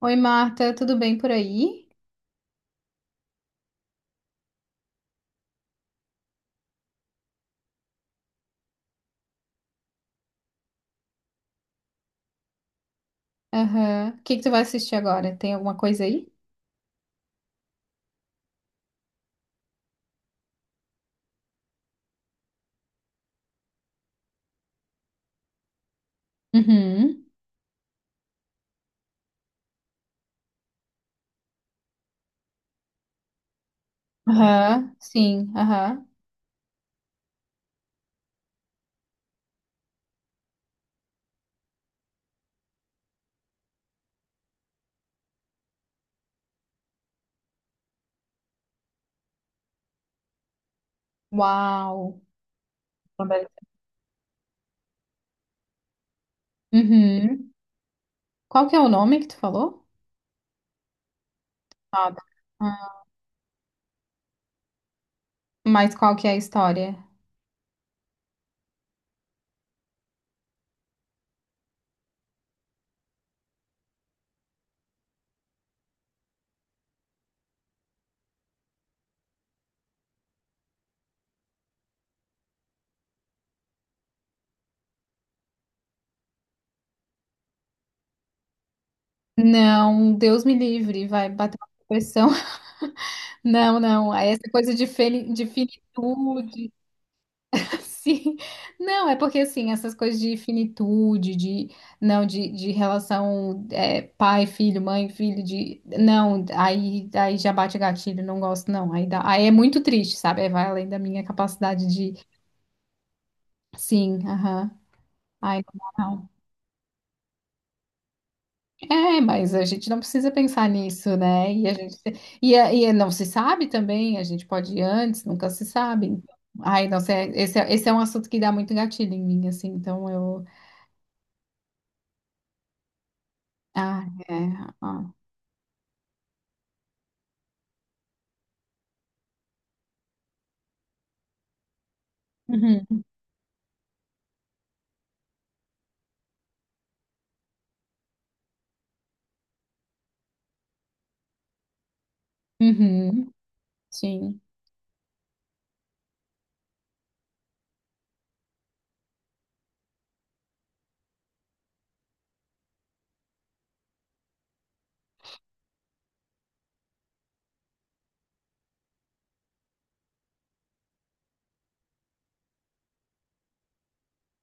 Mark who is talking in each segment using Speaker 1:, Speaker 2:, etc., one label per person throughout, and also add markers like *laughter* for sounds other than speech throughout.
Speaker 1: Oi, Marta, tudo bem por aí? Aham. O que que tu vai assistir agora? Tem alguma coisa aí? Uhum. Aham. Sim, aham. Uau. Uhum. Qual que é o nome que tu falou? Ah, tá. Ah, mas qual que é a história? Não, Deus me livre, vai bater uma depressão. *laughs* Não, não. Essa coisa de, de finitude. *laughs* Sim. Não, é porque assim, essas coisas de finitude, de não, de relação pai, filho, mãe, filho, de não, aí já bate gatilho, não gosto, não. Aí, dá, aí é muito triste, sabe? Aí vai além da minha capacidade de sim, aham. Ai, não, dá, não. É, mas a gente não precisa pensar nisso, né? E não se sabe também, a gente pode ir antes, nunca se sabe. Então, ai, não sei, esse é um assunto que dá muito gatilho em mim, assim, então eu ah, é. Ah. Uhum, uhum, sim.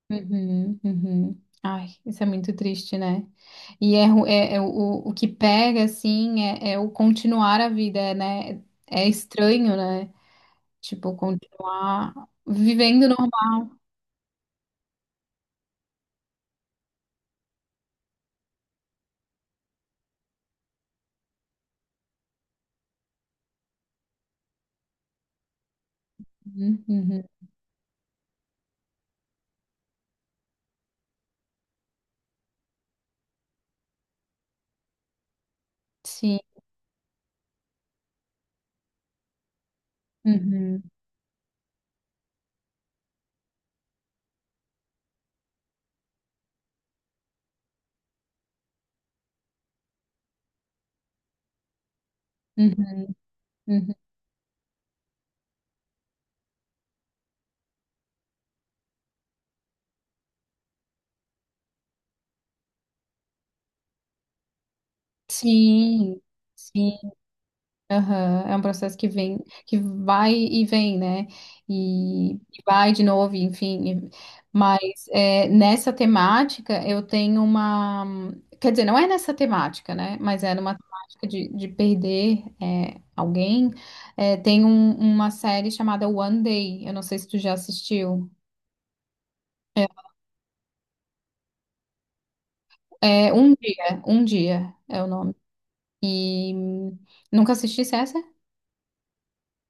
Speaker 1: Uhum, uhum. Ai, isso é muito triste, né? E é, ru- é, é o, o que pega, assim, é o continuar a vida, né? É estranho, né? Tipo, continuar vivendo normal. Uhum, uhum, sim. Uhum, uhum, uhum. Sim, sim. Aham, é um processo que vem, que vai e vem, né? E vai de novo, enfim. Mas é, nessa temática eu tenho uma. Quer dizer, não é nessa temática, né? Mas é numa temática de perder alguém. É, tem uma série chamada One Day. Eu não sei se tu já assistiu. É Um Dia, Um Dia é o nome. E nunca assisti essa?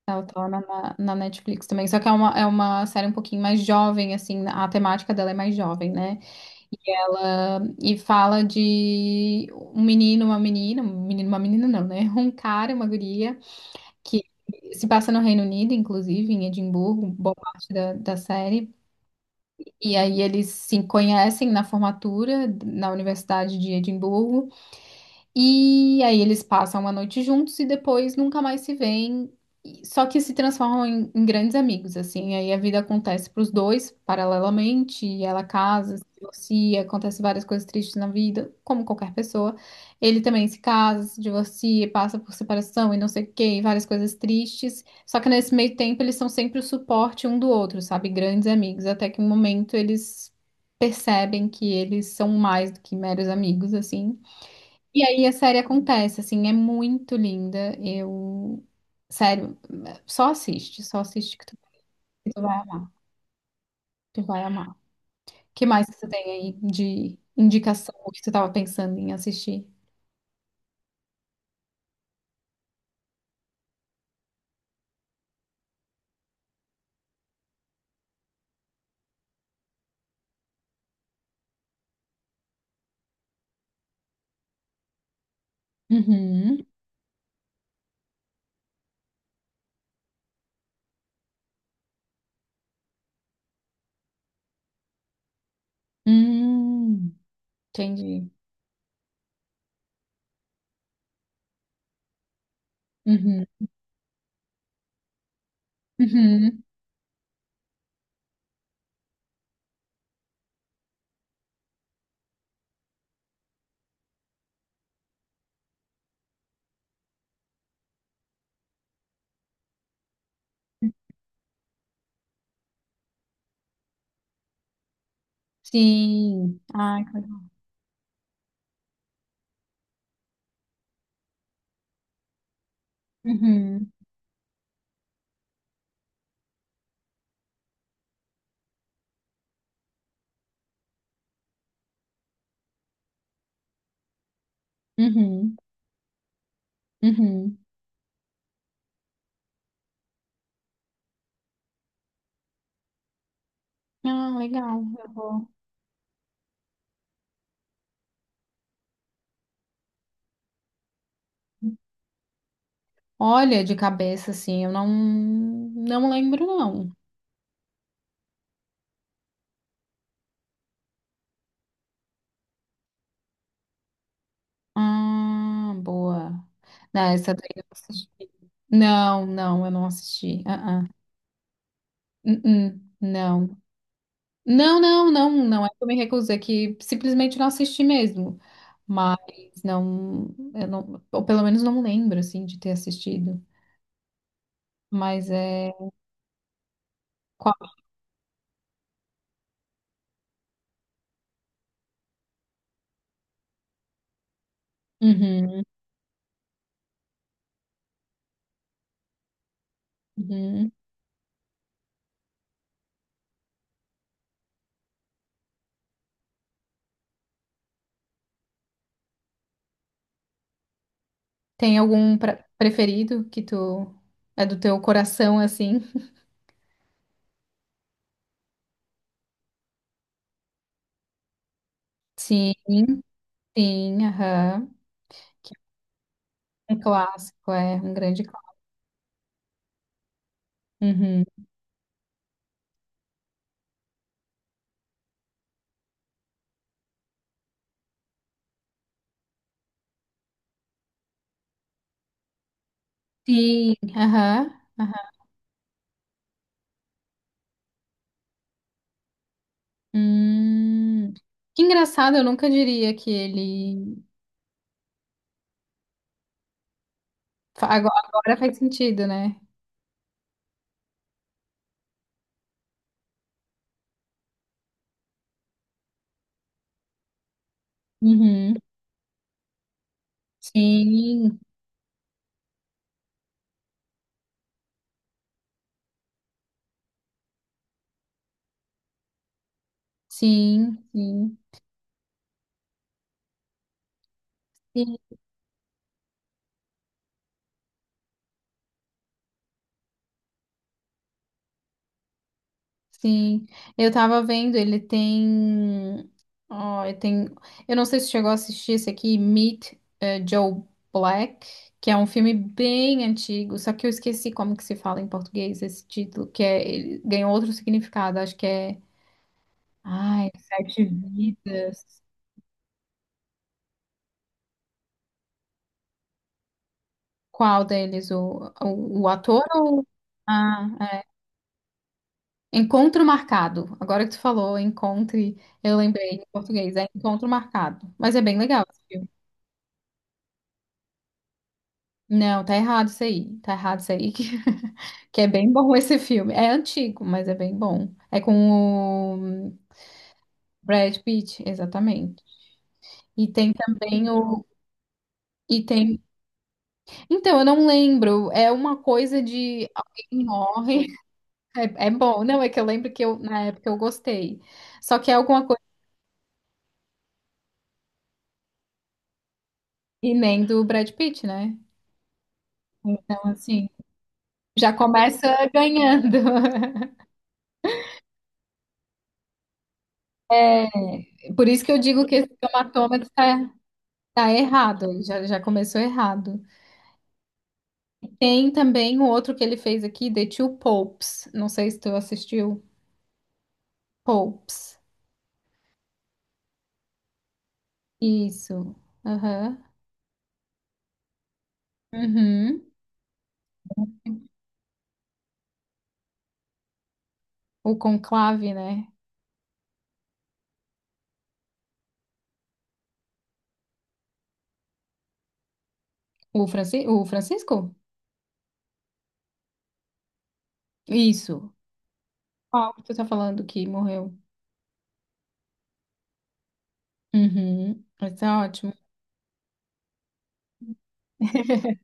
Speaker 1: Ela torna na Netflix também. Só que é uma série um pouquinho mais jovem, assim, a temática dela é mais jovem, né? E fala de um menino, uma menina, um menino, uma menina não, né? *laughs* Um cara, e uma guria, que se passa no Reino Unido, inclusive, em Edimburgo, boa parte da série. E aí eles se conhecem na formatura, na Universidade de Edimburgo. E aí eles passam uma noite juntos e depois nunca mais se veem. Só que se transformam em grandes amigos, assim. Aí a vida acontece para os dois paralelamente. E ela casa, se divorcia, acontece várias coisas tristes na vida, como qualquer pessoa. Ele também se casa, se divorcia, passa por separação e não sei o quê, e várias coisas tristes. Só que nesse meio tempo eles são sempre o suporte um do outro, sabe? Grandes amigos. Até que um momento eles percebem que eles são mais do que meros amigos, assim. E aí a série acontece, assim, é muito linda. Eu, sério, só assiste que tu vai amar, tu vai amar. O que mais que você tem aí de indicação, o que tu tava pensando em assistir? Uhum. Hum, entendi. Uhum. Uhum. Sim. Ai, que legal. Uhum. Uhum. Uhum. Ah, legal. Eu vou. Olha, de cabeça, assim, eu não, não lembro, não. Ah, boa. Não, essa daí eu não assisti. Não, não, eu não assisti. Ah, ah. Uh-uh, não. Não, não, não, não é que eu me recusei, é que simplesmente não assisti mesmo. Mas não, eu não, ou pelo menos não lembro, assim, de ter assistido. Mas é. Qual? Uhum, uhum. Tem algum preferido que tu. É do teu coração, assim? Sim, sim, aham. Que é um clássico, é um grande clássico. Uhum. Sim, aham, aham. Hum, que engraçado, eu nunca diria que ele. Agora, agora faz sentido, né? Uhum. Sim, sim, sim, sim, sim. Eu tava vendo, ele tem. Ó, ele tem. Eu não sei se chegou a assistir esse aqui, Meet, Joe Black, que é um filme bem antigo, só que eu esqueci como que se fala em português esse título, que é ele ganhou outro significado, acho que é. Ai, Sete Vidas. Qual deles? O ator ou. Ah, é. Encontro Marcado. Agora que tu falou, encontre. Eu lembrei em português, é Encontro Marcado. Mas é bem legal esse filme. Não, tá errado isso aí. Tá errado isso aí. Que, *laughs* que é bem bom esse filme. É antigo, mas é bem bom. É com o Brad Pitt, exatamente. E tem também o. E tem. Então, eu não lembro. É uma coisa de alguém morre. É, é bom. Não, é que eu lembro que eu, na época eu gostei. Só que é alguma coisa que nem do Brad Pitt, né? Então, assim, já começa ganhando. *laughs* É, por isso que eu digo que esse tomatômetro tá, tá errado. Ele Já, já começou errado. Tem também o outro que ele fez aqui, The Two Popes. Não sei se tu assistiu. Popes. Isso. Aham. Uhum. O conclave, né? O, Franci o Francisco? Isso. Qual que tu tá falando que morreu? Uhum. Isso é ótimo. *laughs*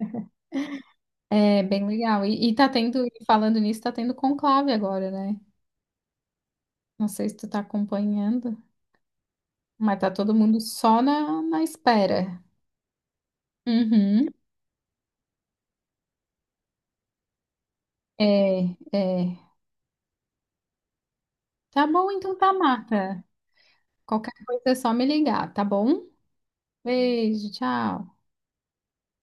Speaker 1: É bem legal. E tá tendo, e falando nisso, tá tendo conclave agora, né? Não sei se tu tá acompanhando, mas tá todo mundo só na espera. Uhum. É, é. Tá bom, então tá, Marta. Qualquer coisa é só me ligar, tá bom? Beijo, tchau.